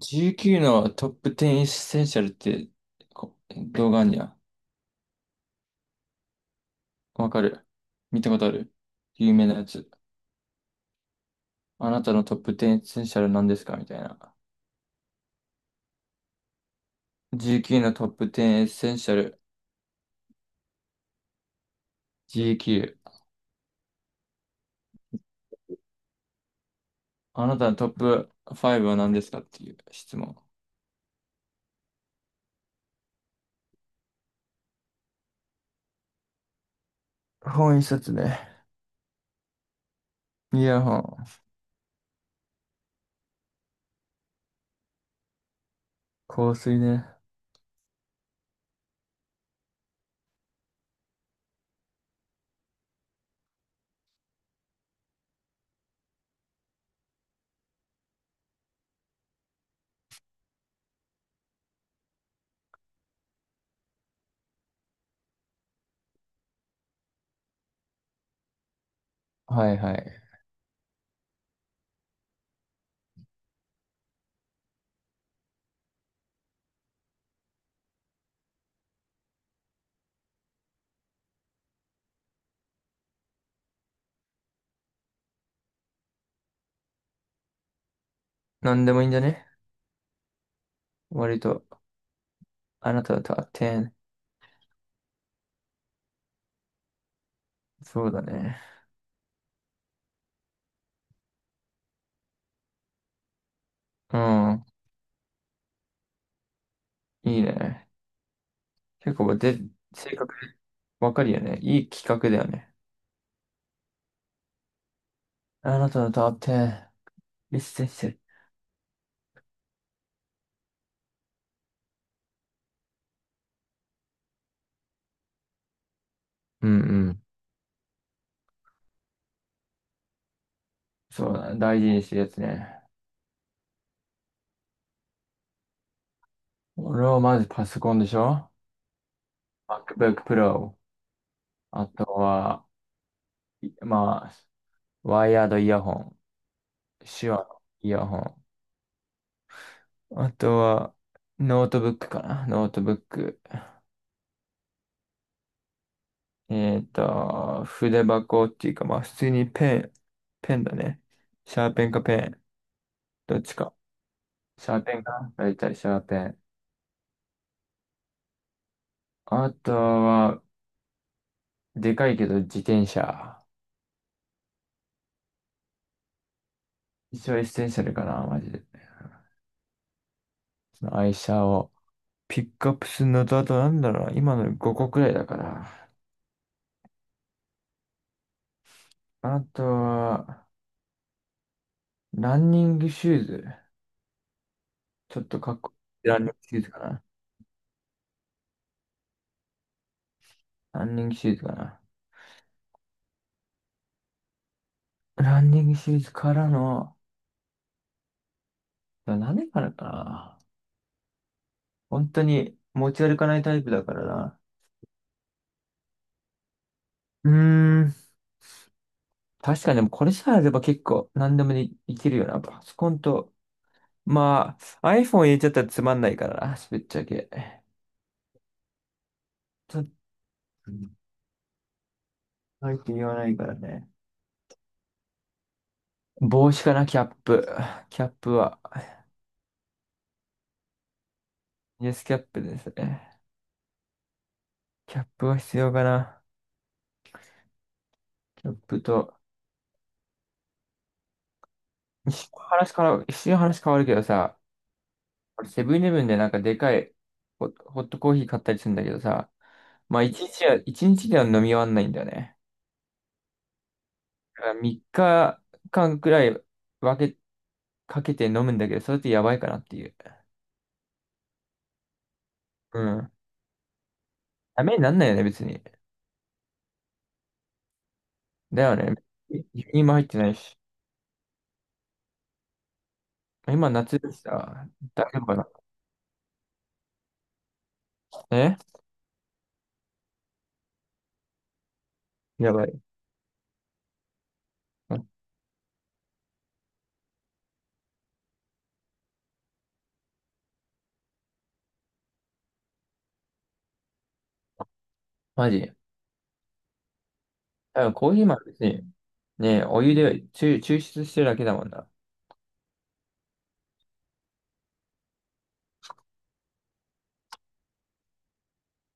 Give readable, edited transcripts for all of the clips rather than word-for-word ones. GQ のトップ10エッセンシャルってこ動画あんにゃん。わかる。見たことある。有名なやつ。あなたのトップ10エッセンシャルなんですかみたいな。GQ のトップ10エッセンシャル。GQ、 あなたのトップ5は何ですかっていう質問。本一冊ね。イヤホン。香水ね。はいはい。なんでもいいんだね。割と。あなたのトップ10。そうだね。うん。いいね。結構で、性格わかるよね。いい企画だよね。あなたのトップ1リストしてる。うんうん。そうだね、大事にしてるやつね。俺はまずパソコンでしょ。 MacBook Pro。あとは、いまあ、ワイヤードイヤホン。手話のイヤホン。あとは、ノートブックかなノートブック。筆箱っていうか、まあ、普通にペンだね。シャーペンかペン。どっちか。シャーペンか大体シャーペン。あとは、でかいけど自転車。一応エッセンシャルかな、マジで。その愛車をピックアップするのと、あとなんだろうな、今の5個くらいだから。あとは、ランニングシューズ。ちょっとかっこいいランニングシューズかな。ランニングシューズかな。ランニングシューズからの、何からかな。本当に持ち歩かないタイプだからな。うーん。確かにでもこれさえあれば結構何でもでいけるよな。パソコンとまあ、iPhone 入れちゃったらつまんないからな、ぶっちゃけ。ちょっと、入って言わないからね。帽子かな、キャップ。キャップは。イエスキャップですね。キャップは必要かな。キャップと。一瞬話変わるけどさ、俺セブンイレブンでなんかでかいホットコーヒー買ったりするんだけどさ、まあ一日では飲み終わんないんだよね。だから3日間くらい分け、かけて飲むんだけど、それってやばいかなっていう。うん。ダメになんないよね、別に。だよね。輸入も入ってないし。今夏でした。大丈夫かな。えやばい。うん。マジ。あ、コーヒーも別に、ね、お湯で抽出してるだけだもんな。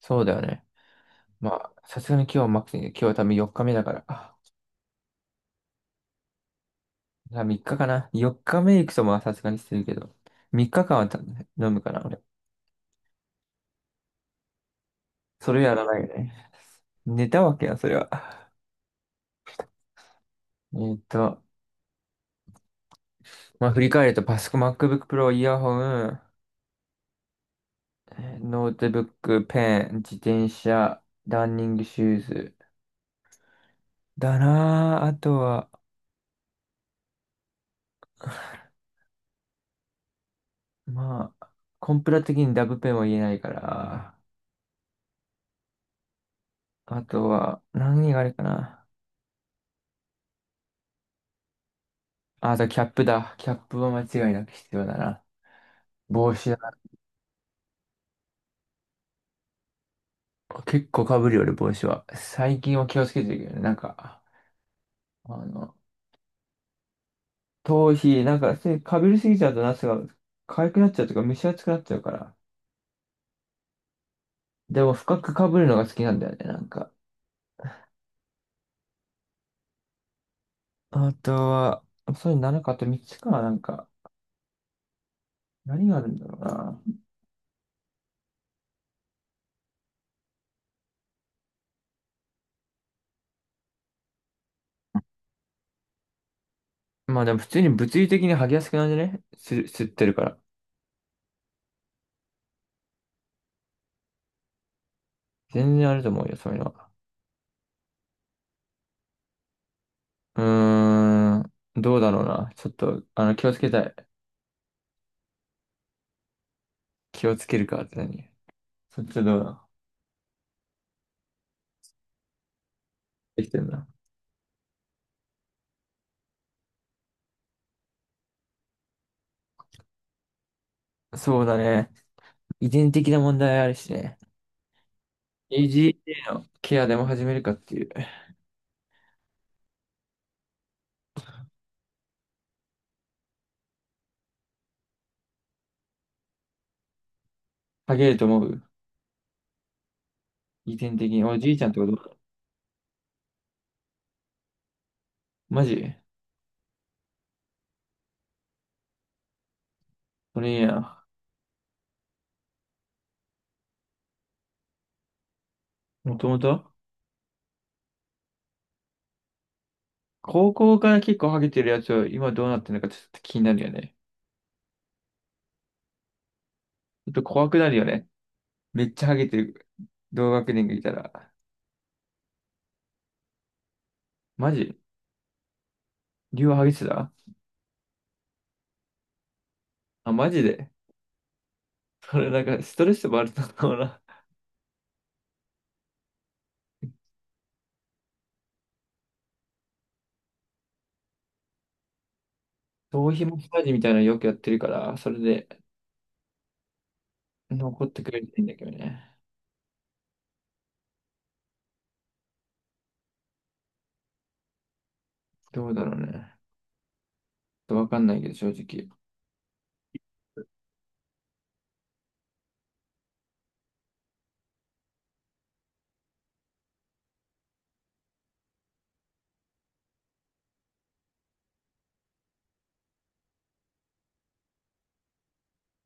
そうだよね。まあ、さすがに今日はマックスに、今日は多分4日目だから。あ、じゃあ3日かかな。4日目行くとまあさすがにしてるけど。3日間は飲むかな、俺。それやらないよね。寝たわけや、それは。えーっと、まあ振り返るとパソコン、MacBook Pro、イヤホン、ノートブック、ペン、自転車、ランニングシューズ。だなぁ。あとは、まあ、コンプラ的にダブペンは言えないから。あとは、何があれかな。あ、あとキャップだ。キャップは間違いなく必要だな。帽子だな。結構被るよ、俺、帽子は。最近は気をつけてるけどね。なんか、あの、頭皮、なんか、被りすぎちゃうと、夏が痒くなっちゃうとか、蒸し暑くなっちゃうから。でも、深く被るのが好きなんだよね、なんか。あとは、そういうのなるかあと3つか、なんか、何があるんだろうな。まあでも普通に物理的に剥ぎやすくなるんじゃねす、吸ってるから。全然あると思うよ、そういうのは。うーん、どうだろうな。ちょっと、気をつけたい。気をつけるかって何。そっちはどうだ。できてるな。そうだね。遺伝的な問題あるしね。AGA のケアでも始めるかっていう。剥げると思う遺伝的に。おい、じいちゃんとかどう。マジ。それいいな。もともと高校から結構ハゲてるやつを今どうなってるのかちょっと気になるよね。ちょっと怖くなるよね。めっちゃハゲてる同学年がいたら。マジ。竜はハゲてた。あ、マジで。それなんかストレスもあるのかもな。頭皮マッサージみたいなのよくやってるから、それで残ってくれていいんだけどね。どうだろうね。ちょっとわかんないけど、正直。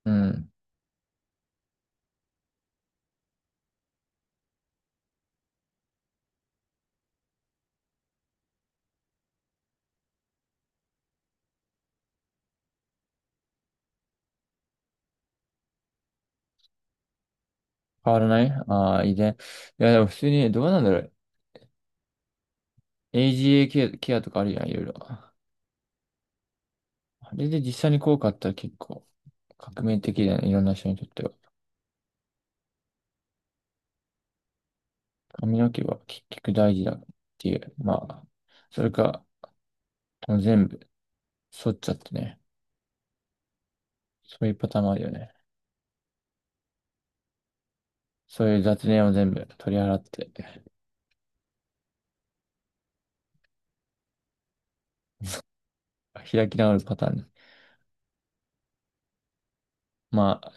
うん。変わらない。ああー、遺伝。いや、でも普通にね、どうなんだろう。AGA ケアとかあるじゃん、いろいろ。あれで実際に効果あったら結構革命的だよね、いろんな人にとっては。髪の毛は結局大事だっていう。まあ、それか、もう全部剃っちゃってね。そういうパターンもあるよね。そういう雑念を全部取り払って、開き直るパターンね。まあ、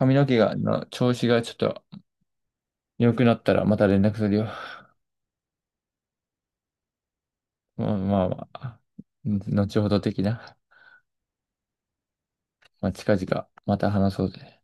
髪の毛の調子がちょっと良くなったらまた連絡するよ。まあまあまあ、後ほど的な。まあ、近々また話そうぜ。